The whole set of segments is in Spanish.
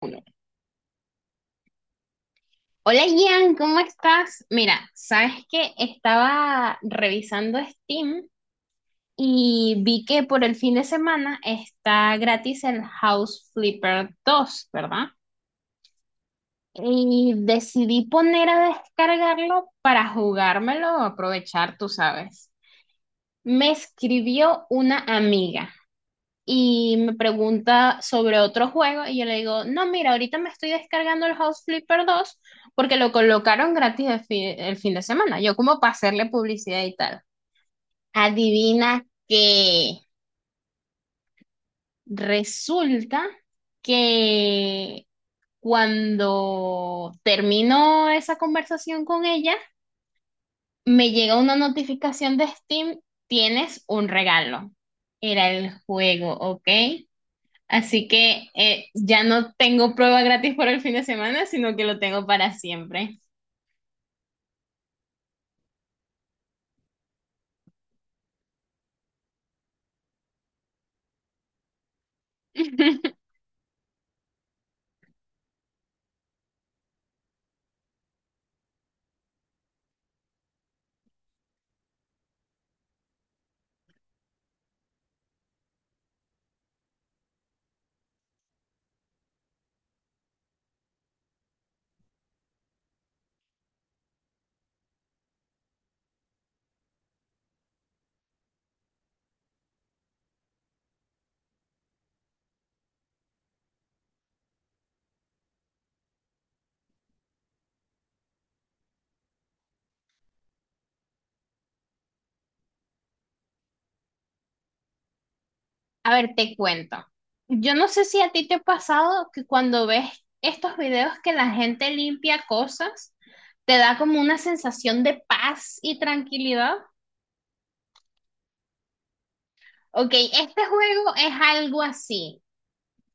Uno. Hola Ian, ¿cómo estás? Mira, sabes que estaba revisando Steam y vi que por el fin de semana está gratis el House Flipper dos, ¿verdad? Y decidí poner a descargarlo para jugármelo o aprovechar, tú sabes. Me escribió una amiga y me pregunta sobre otro juego y yo le digo, no, mira, ahorita me estoy descargando el House Flipper dos porque lo colocaron gratis el fin de semana, yo como para hacerle publicidad y tal. Adivina que resulta que cuando termino esa conversación con ella, me llega una notificación de Steam, tienes un regalo. Era el juego, ¿ok? Así que ya no tengo prueba gratis por el fin de semana, sino que lo tengo para siempre. A ver, te cuento. Yo no sé si a ti te ha pasado que cuando ves estos videos que la gente limpia cosas, te da como una sensación de paz y tranquilidad. Ok, este juego es algo así.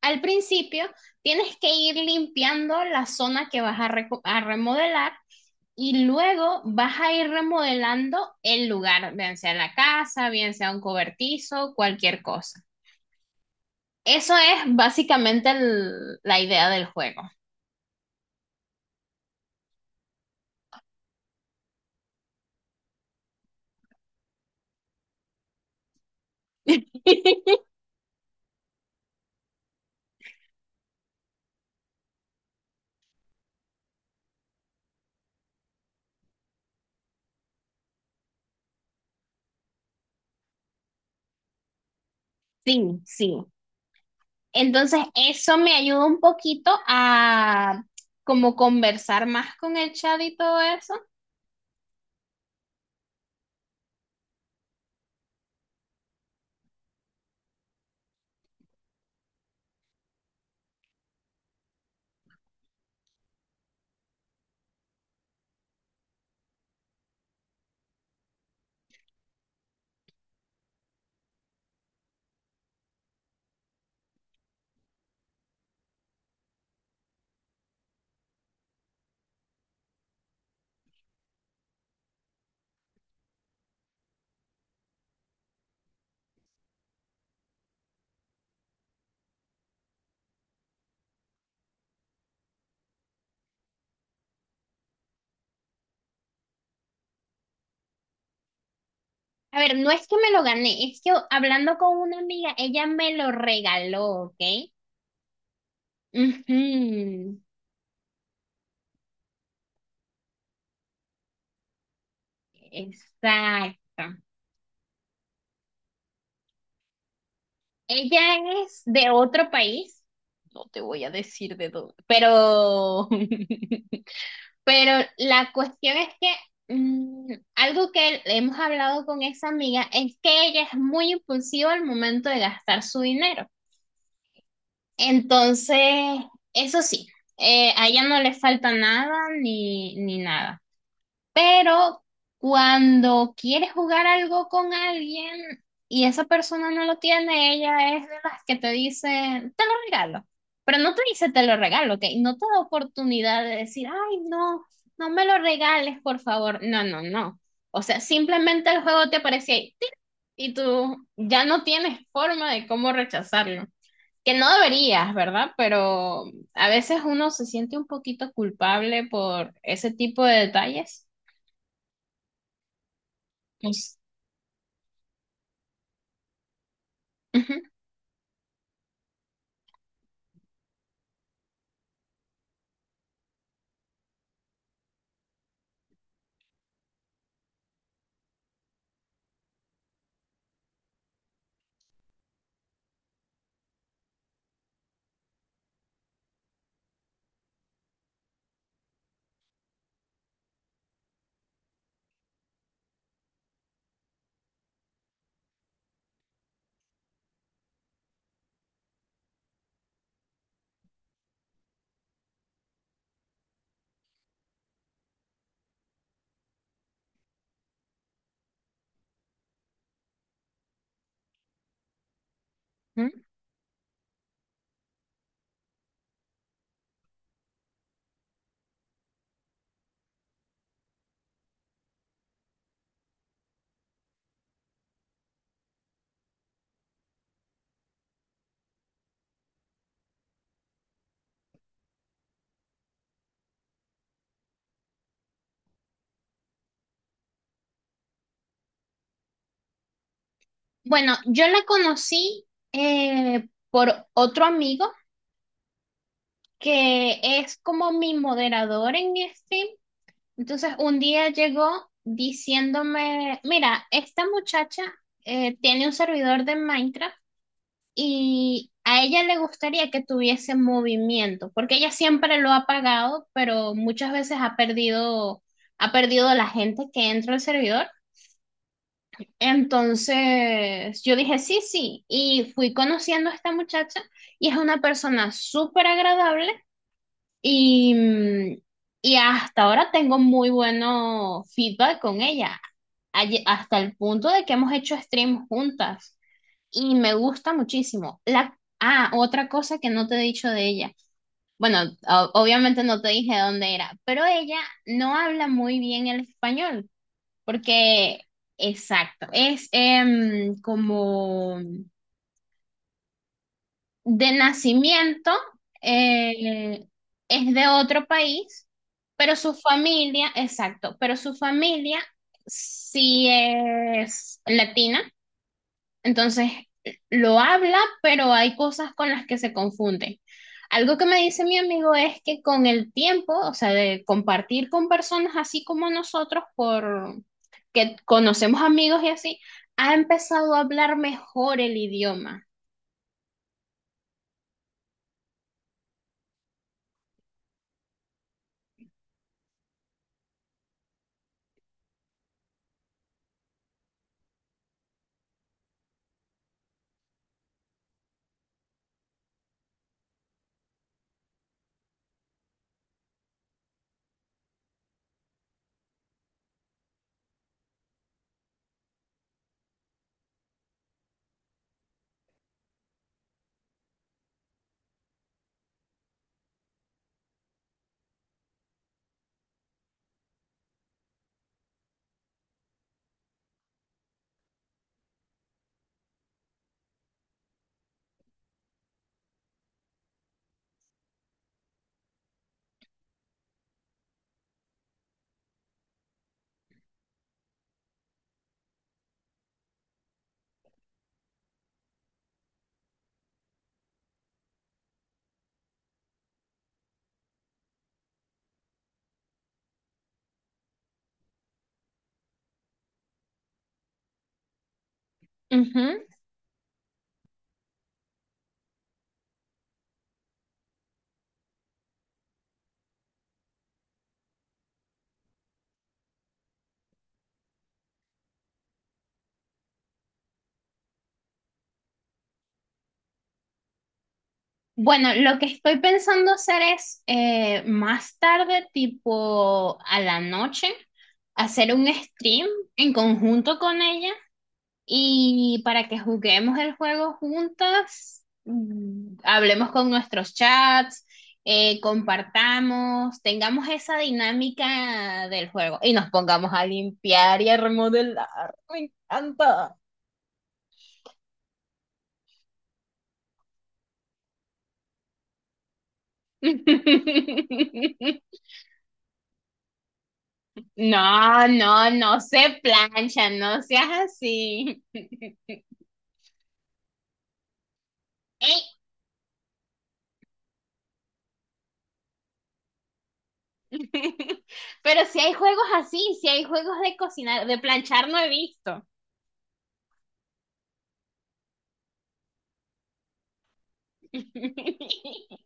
Al principio tienes que ir limpiando la zona que vas a remodelar. Y luego vas a ir remodelando el lugar, bien sea la casa, bien sea un cobertizo, cualquier cosa. Eso es básicamente la idea del juego. Sí, sí. Entonces, eso me ayuda un poquito a como conversar más con el chat y todo eso. A ver, no es que me lo gané, es que hablando con una amiga, ella me lo regaló, ¿ok? Ujú, exacto. Ella es de otro país, no te voy a decir de dónde, pero, pero la cuestión es que mm, algo que hemos hablado con esa amiga es que ella es muy impulsiva al momento de gastar su dinero. Entonces, eso sí, a ella no le falta nada ni nada. Pero cuando quieres jugar algo con alguien y esa persona no lo tiene, ella es de las que te dice, te lo regalo. Pero no te dice, te lo regalo, ¿ok? No te da oportunidad de decir, ay, no, no me lo regales, por favor. No, no, no. O sea, simplemente el juego te aparece ahí ¡tic! Y tú ya no tienes forma de cómo rechazarlo. Que no deberías, ¿verdad? Pero a veces uno se siente un poquito culpable por ese tipo de detalles. Ujú, ujú. Bueno, yo la conocí por otro amigo que es como mi moderador en stream. Entonces un día llegó diciéndome, mira, esta muchacha tiene un servidor de Minecraft y a ella le gustaría que tuviese movimiento, porque ella siempre lo ha pagado, pero muchas veces ha perdido, la gente que entra al servidor. Entonces yo dije, sí, sí, y fui conociendo a esta muchacha y es una persona súper agradable y, mm, y hasta ahora tengo muy bueno feedback con ella, hasta el punto de que hemos hecho streams juntas y me gusta muchísimo. Otra cosa que no te he dicho de ella. Bueno, obviamente no te dije dónde era, pero ella no habla muy bien el español. Porque, exacto, es como de nacimiento, eh, es de otro país, pero su familia, exacto, pero su familia sí es latina. Entonces, lo habla, pero hay cosas con las que se confunden. Algo que me dice mi amigo es que con el tiempo, o sea, de compartir con personas así como nosotros, por que conocemos amigos y así, ha empezado a hablar mejor el idioma. Ujú. Bueno, lo que estoy pensando hacer es más tarde, tipo a la noche, hacer un stream en conjunto con ella y para que juguemos el juego juntas, hablemos con nuestros chats, compartamos, tengamos esa dinámica del juego y nos pongamos a limpiar y a remodelar. Me encanta. No, no, no se plancha, no seas así. Ey. Pero si hay juegos así, si hay juegos de cocinar, de planchar no he visto.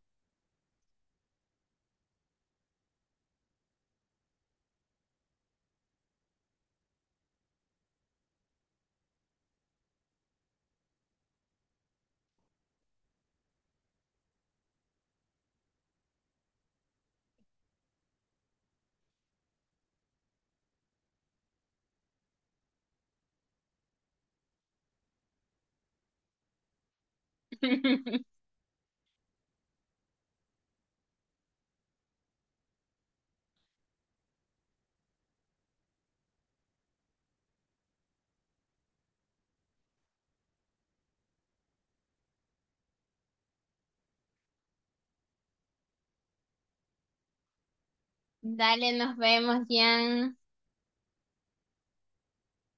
Dale, nos vemos, Jan.